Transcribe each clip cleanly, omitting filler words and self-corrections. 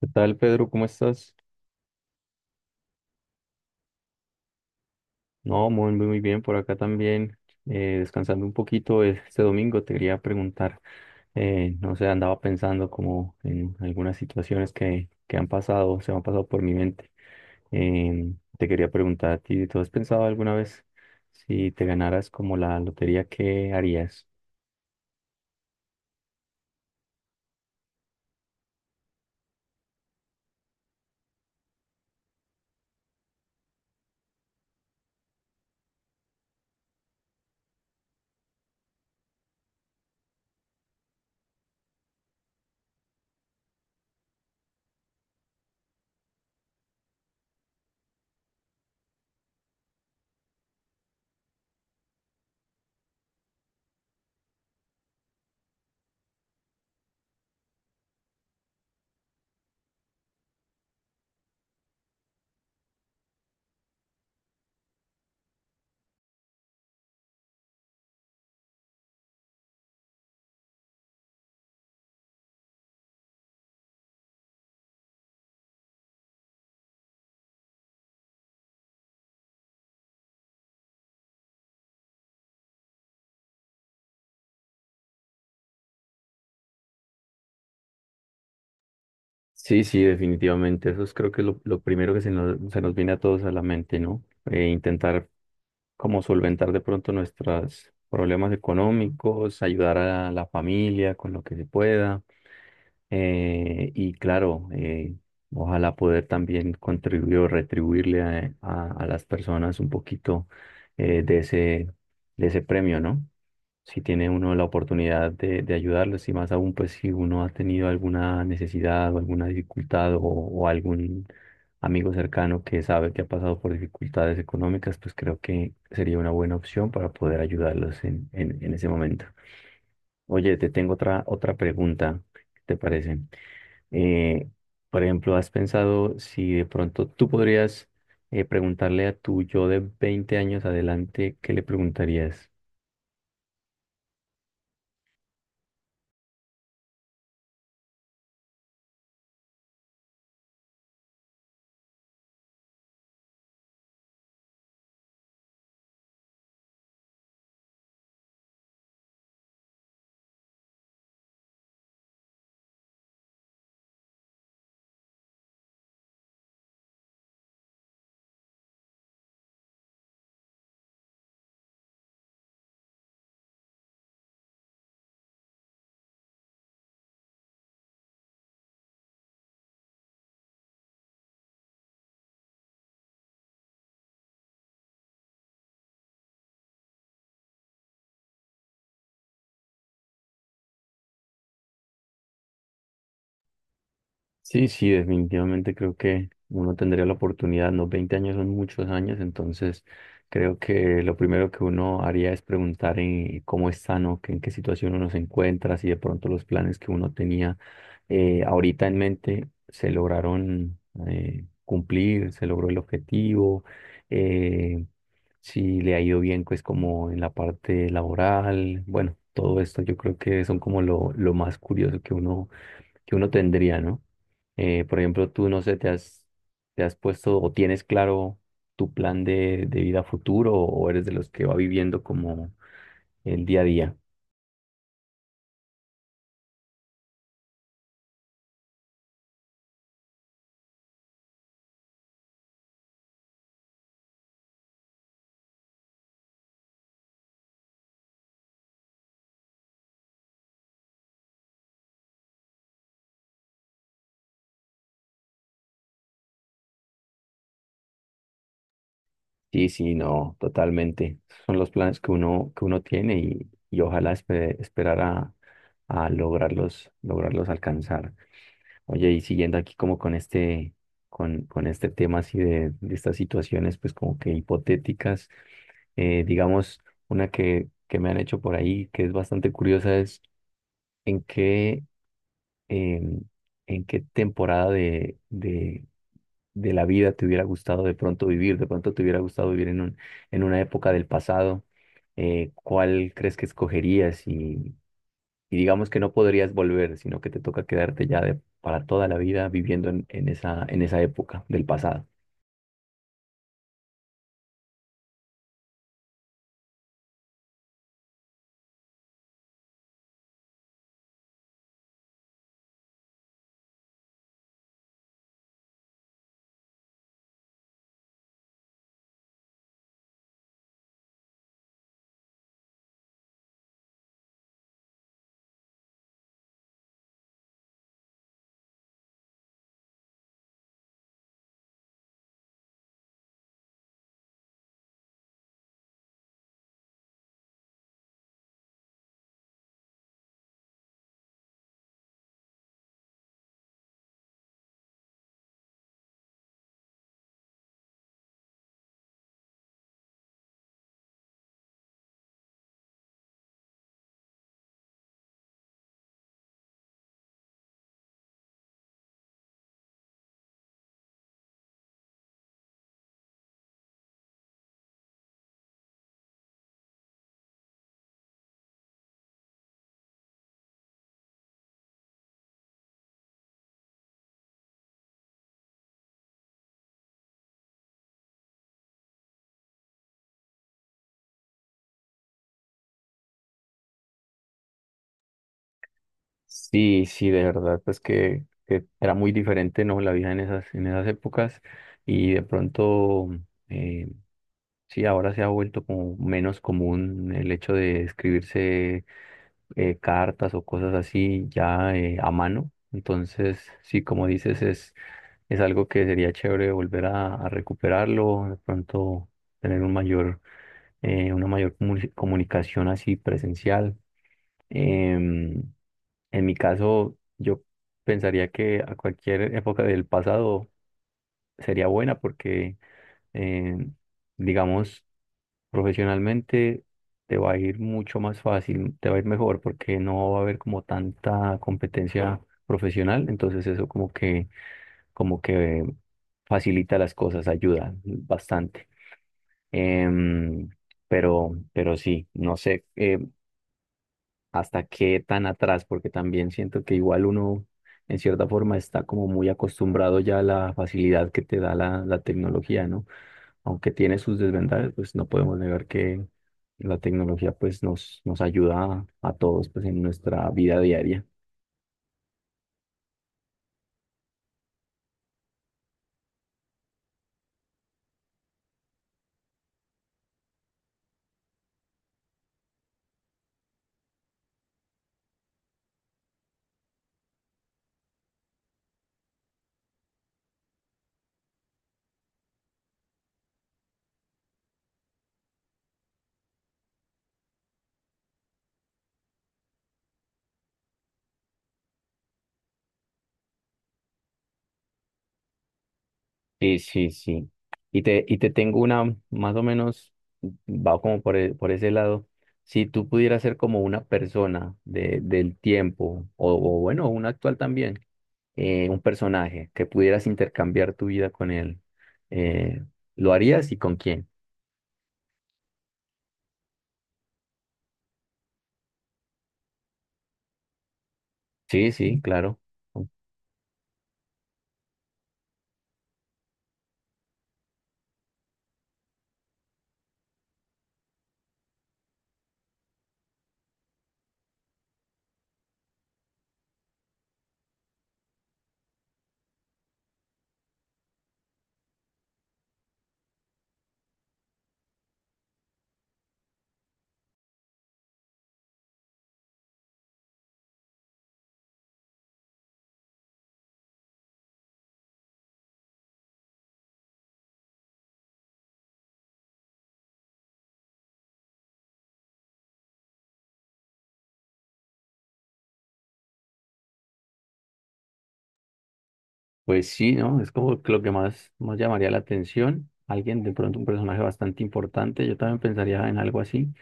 ¿Qué tal, Pedro? ¿Cómo estás? No, muy bien, por acá también, descansando un poquito este domingo, te quería preguntar, no sé, andaba pensando como en algunas situaciones que han pasado, se me han pasado por mi mente. Te quería preguntar a ti, ¿tú has pensado alguna vez si te ganaras como la lotería, qué harías? Sí, sí, definitivamente. Eso es, creo que lo primero que se nos viene a todos a la mente, ¿no? Intentar como solventar de pronto nuestros problemas económicos, ayudar a la familia con lo que se pueda. Y claro, ojalá poder también contribuir o retribuirle a, a las personas un poquito eh, de ese, de ese premio, ¿no? Si tiene uno la oportunidad de ayudarlos, y más aún pues si uno ha tenido alguna necesidad o alguna dificultad o algún amigo cercano que sabe que ha pasado por dificultades económicas, pues creo que sería una buena opción para poder ayudarlos en ese momento. Oye, te tengo otra pregunta, ¿qué te parece? Eh, por ejemplo, ¿has pensado si de pronto tú podrías preguntarle a tu yo de 20 años adelante? ¿Qué le preguntarías? Sí, sí, definitivamente creo que uno tendría la oportunidad, ¿no? 20 años son muchos años, entonces creo que lo primero que uno haría es preguntar en cómo está, ¿no? Que en qué situación uno se encuentra, si de pronto los planes que uno tenía ahorita en mente se lograron cumplir, se logró el objetivo, eh, si le ha ido bien, pues como en la parte laboral. Bueno, todo esto yo creo que son como lo más curioso que uno tendría, ¿no? Por ejemplo, tú, no sé, te has puesto o tienes claro tu plan de vida futuro, o eres de los que va viviendo como el día a día. Sí, sí, no, totalmente. Son los planes que uno tiene, y ojalá esperar a lograrlos, lograrlos alcanzar. Oye, y siguiendo aquí como con este, con este tema así de estas situaciones, pues como que hipotéticas, digamos, una que me han hecho por ahí, que es bastante curiosa, es ¿en qué, em, en qué temporada de la vida te hubiera gustado de pronto vivir? ¿De pronto te hubiera gustado vivir en un, en una época del pasado? ¿Cuál crees que escogerías? Y digamos que no podrías volver, sino que te toca quedarte ya de, para toda la vida viviendo en esa época del pasado. Sí, sí, de verdad, pues que era muy diferente, ¿no? La vida en esas épocas y de pronto... em, sí, ahora se ha vuelto como menos común el hecho de escribirse cartas o cosas así ya a mano. Entonces, sí, como dices, es algo que sería chévere volver a recuperarlo, de pronto tener un mayor, una mayor comunicación así presencial. Em, en mi caso, yo pensaría que a cualquier época del pasado sería buena porque... em, digamos, profesionalmente te va a ir mucho más fácil, te va a ir mejor porque no va a haber como tanta competencia profesional, entonces eso como que facilita las cosas, ayuda bastante. Em, pero sí, no sé, hasta qué tan atrás, porque también siento que igual uno en cierta forma está como muy acostumbrado ya a la facilidad que te da la, la tecnología, ¿no? Aunque tiene sus desventajas, pues no podemos negar que la tecnología pues nos, nos ayuda a todos pues en nuestra vida diaria. Sí, sí, sí. Y te tengo una, más o menos, va como por, por ese lado. Si tú pudieras ser como una persona de, del tiempo, o bueno, un actual también, un personaje que pudieras intercambiar tu vida con él, eh, ¿lo harías y con quién? Sí, sí, claro. Pues sí, ¿no? Es como que lo que más, más llamaría la atención. Alguien, de pronto un personaje bastante importante. Yo también pensaría en algo así.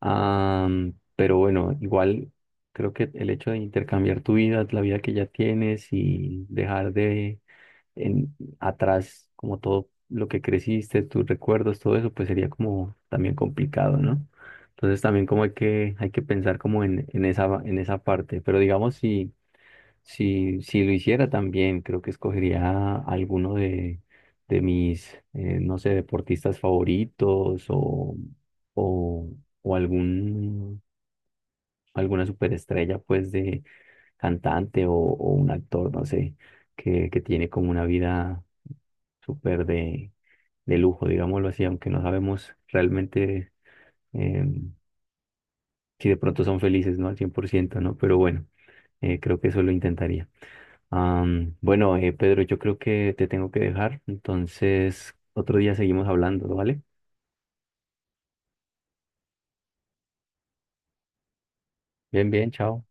Pero bueno, igual creo que el hecho de intercambiar tu vida, la vida que ya tienes, y dejar atrás como todo lo que creciste, tus recuerdos, todo eso, pues sería como también complicado, ¿no? Entonces también como hay que pensar como en esa parte. Pero digamos si si lo hiciera también, creo que escogería alguno de mis, no sé, deportistas favoritos, o, o algún, alguna superestrella, pues, de cantante, o un actor, no sé, que tiene como una vida súper de lujo, digámoslo así, aunque no sabemos realmente em, si de pronto son felices, ¿no? Al 100 por ciento, ¿no? Pero bueno, creo que eso lo intentaría. Bueno, Pedro, yo creo que te tengo que dejar, entonces otro día seguimos hablando, ¿vale? Bien, bien, chao.